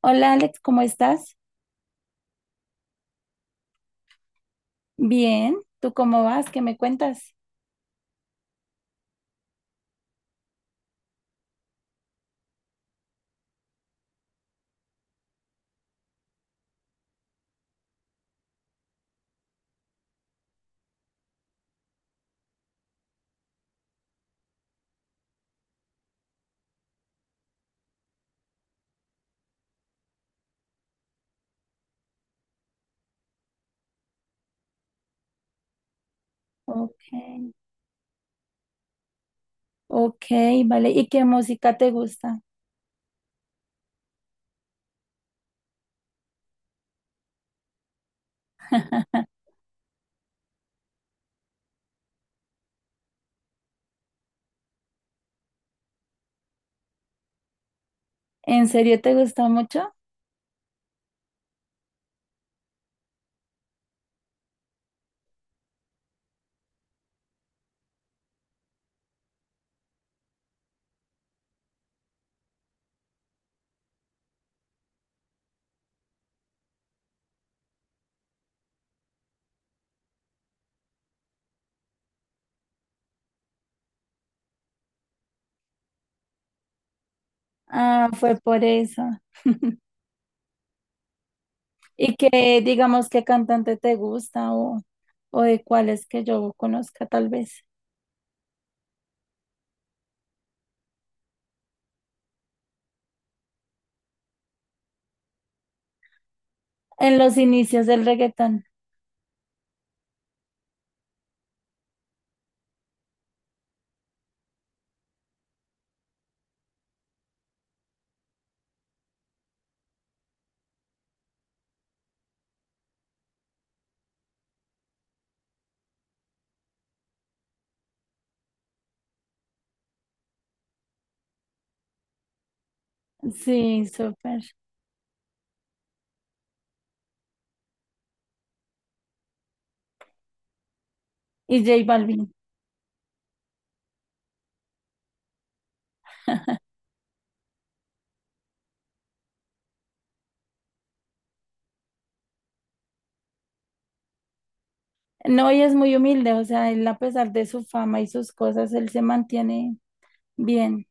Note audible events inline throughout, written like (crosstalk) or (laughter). Hola Alex, ¿cómo estás? Bien, ¿tú cómo vas? ¿Qué me cuentas? Ok, ok, vale. ¿Y qué música te gusta? (laughs) ¿En serio te gusta mucho? Ah, fue por eso. (laughs) ¿Y qué, digamos, qué cantante te gusta o de cuáles que yo conozca tal vez? En los inicios del reggaetón. Sí, súper. Y J Balvin. No, y es muy humilde, o sea, él a pesar de su fama y sus cosas, él se mantiene bien.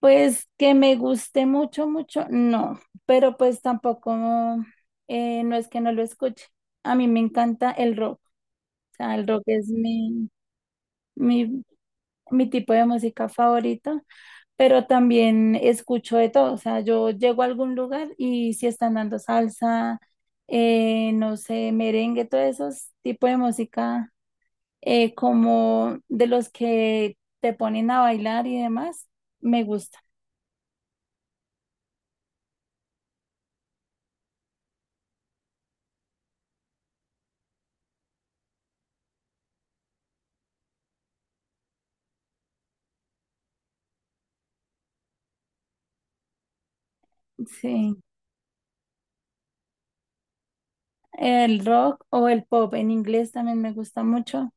Pues que me guste mucho, mucho, no, pero pues tampoco, no es que no lo escuche. A mí me encanta el rock, o sea, el rock es mi, mi tipo de música favorita, pero también escucho de todo, o sea, yo llego a algún lugar y si están dando salsa, no sé, merengue, todos esos tipos de música como de los que te ponen a bailar y demás, me gusta, sí. El rock o el pop en inglés también me gusta mucho.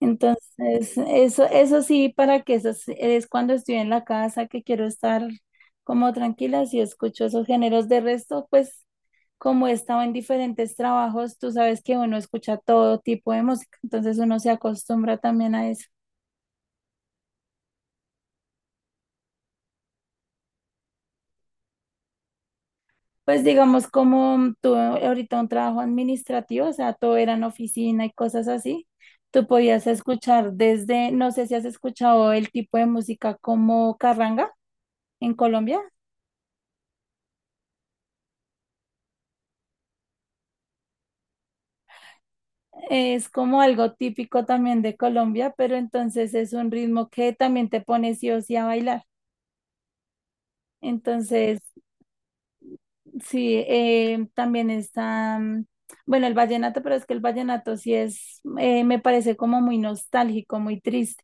Entonces, eso sí, para que eso es cuando estoy en la casa que quiero estar como tranquila, si escucho esos géneros. De resto, pues como he estado en diferentes trabajos, tú sabes que uno escucha todo tipo de música, entonces uno se acostumbra también a eso. Pues digamos, como tú ahorita, un trabajo administrativo, o sea, todo era en oficina y cosas así, tú podías escuchar desde, no sé si has escuchado el tipo de música como carranga en Colombia, es como algo típico también de Colombia, pero entonces es un ritmo que también te pone sí o sí a bailar. Entonces, sí, también está, bueno, el vallenato, pero es que el vallenato sí es, me parece como muy nostálgico, muy triste.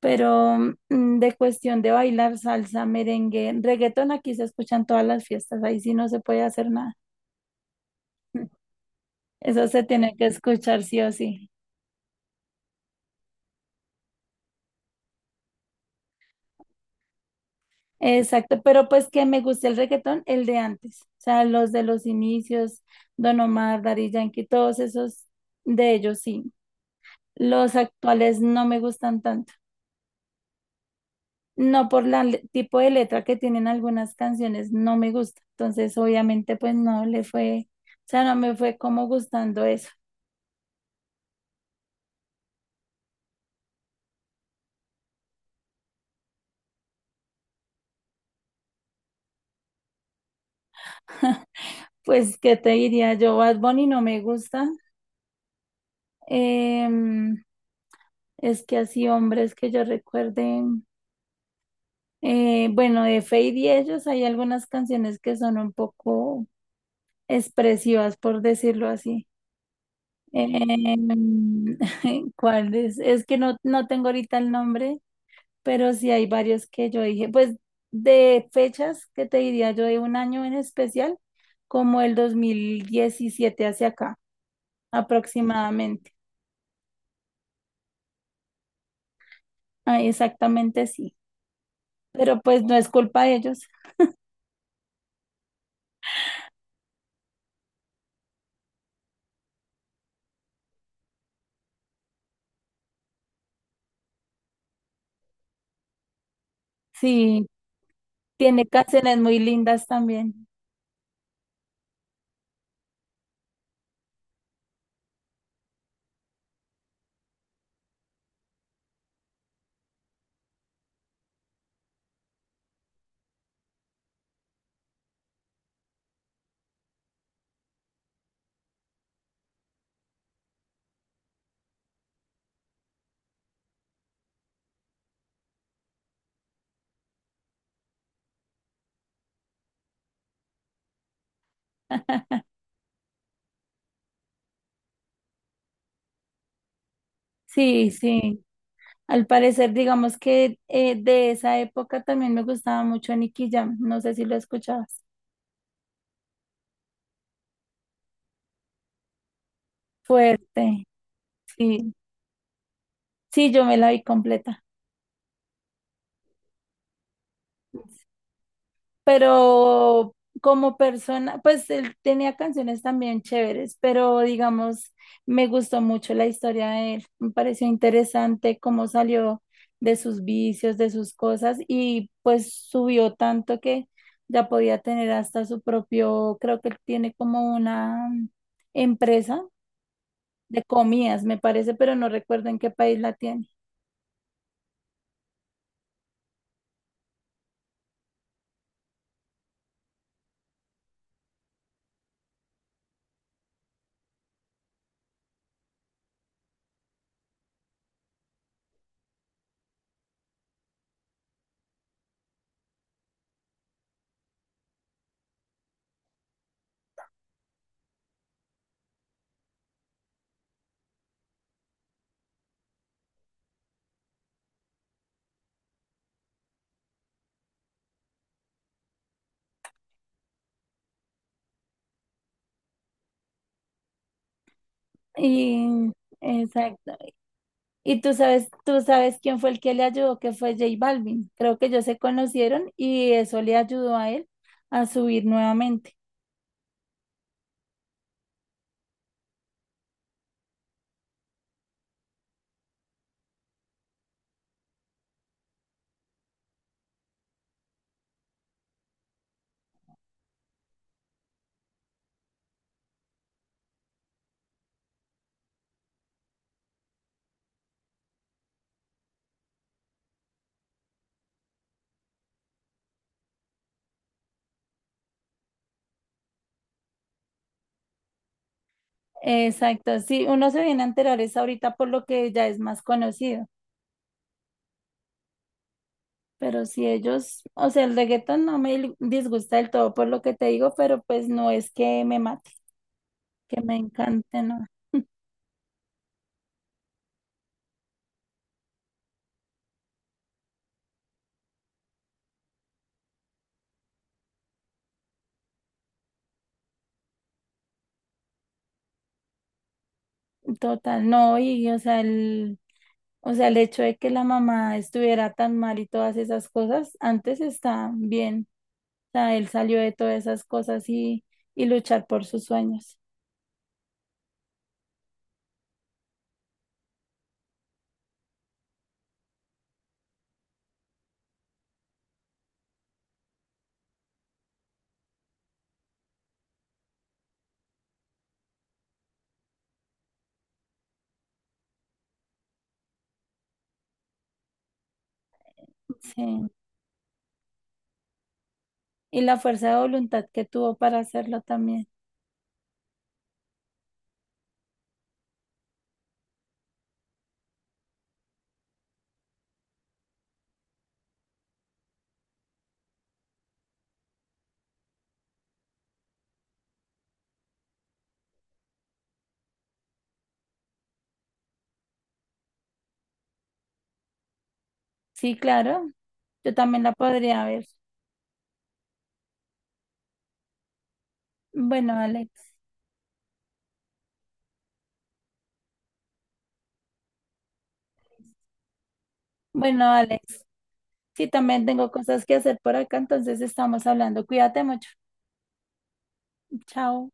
Pero de cuestión de bailar salsa, merengue, reggaetón, aquí se escuchan todas las fiestas, ahí sí no se puede hacer nada. (laughs) Eso se tiene que escuchar sí o sí. Exacto, pero pues que me gusta el reggaetón, el de antes, o sea, los de los inicios, Don Omar, Daddy Yankee, todos esos, de ellos sí. Los actuales no me gustan tanto, no por el tipo de letra que tienen algunas canciones, no me gusta. Entonces, obviamente, pues no le fue, o sea, no me fue como gustando eso. Pues, ¿qué te diría yo? Bad Bunny no me gusta. Em, es que así hombres que yo recuerde, bueno, de Feid y ellos hay algunas canciones que son un poco expresivas, por decirlo así. Em, (laughs) ¿cuál es? Es que no tengo ahorita el nombre, pero sí hay varios que yo dije. Pues de fechas, ¿qué te diría yo? De un año en especial, como el 2017 hacia acá, aproximadamente. Ah, exactamente sí. Pero pues no es culpa de ellos. Sí, tiene canciones muy lindas también. (laughs) Sí, sí. Al parecer, digamos que, de esa época también me gustaba mucho Nicky Jam. No sé si lo escuchabas. Fuerte. Sí, sí, yo me la vi completa. Pero como persona, pues él tenía canciones también chéveres, pero digamos, me gustó mucho la historia de él, me pareció interesante cómo salió de sus vicios, de sus cosas y pues subió tanto que ya podía tener hasta su propio, creo que él tiene como una empresa de comidas, me parece, pero no recuerdo en qué país la tiene. Y exacto. Y tú sabes quién fue el que le ayudó, que fue J Balvin. Creo que ellos se conocieron y eso le ayudó a él a subir nuevamente. Exacto, sí, uno se viene a enterar es ahorita por lo que ya es más conocido, pero si ellos, o sea, el reggaetón no me disgusta del todo por lo que te digo, pero pues no es que me mate, que me encante, no. (laughs) Total, no, y o sea, el hecho de que la mamá estuviera tan mal y todas esas cosas, antes está bien, sea, él salió de todas esas cosas y luchar por sus sueños. Sí. Y la fuerza de voluntad que tuvo para hacerlo también. Sí, claro, yo también la podría ver. Bueno, Alex. Bueno, Alex. Sí, también tengo cosas que hacer por acá, entonces estamos hablando. Cuídate mucho. Chao.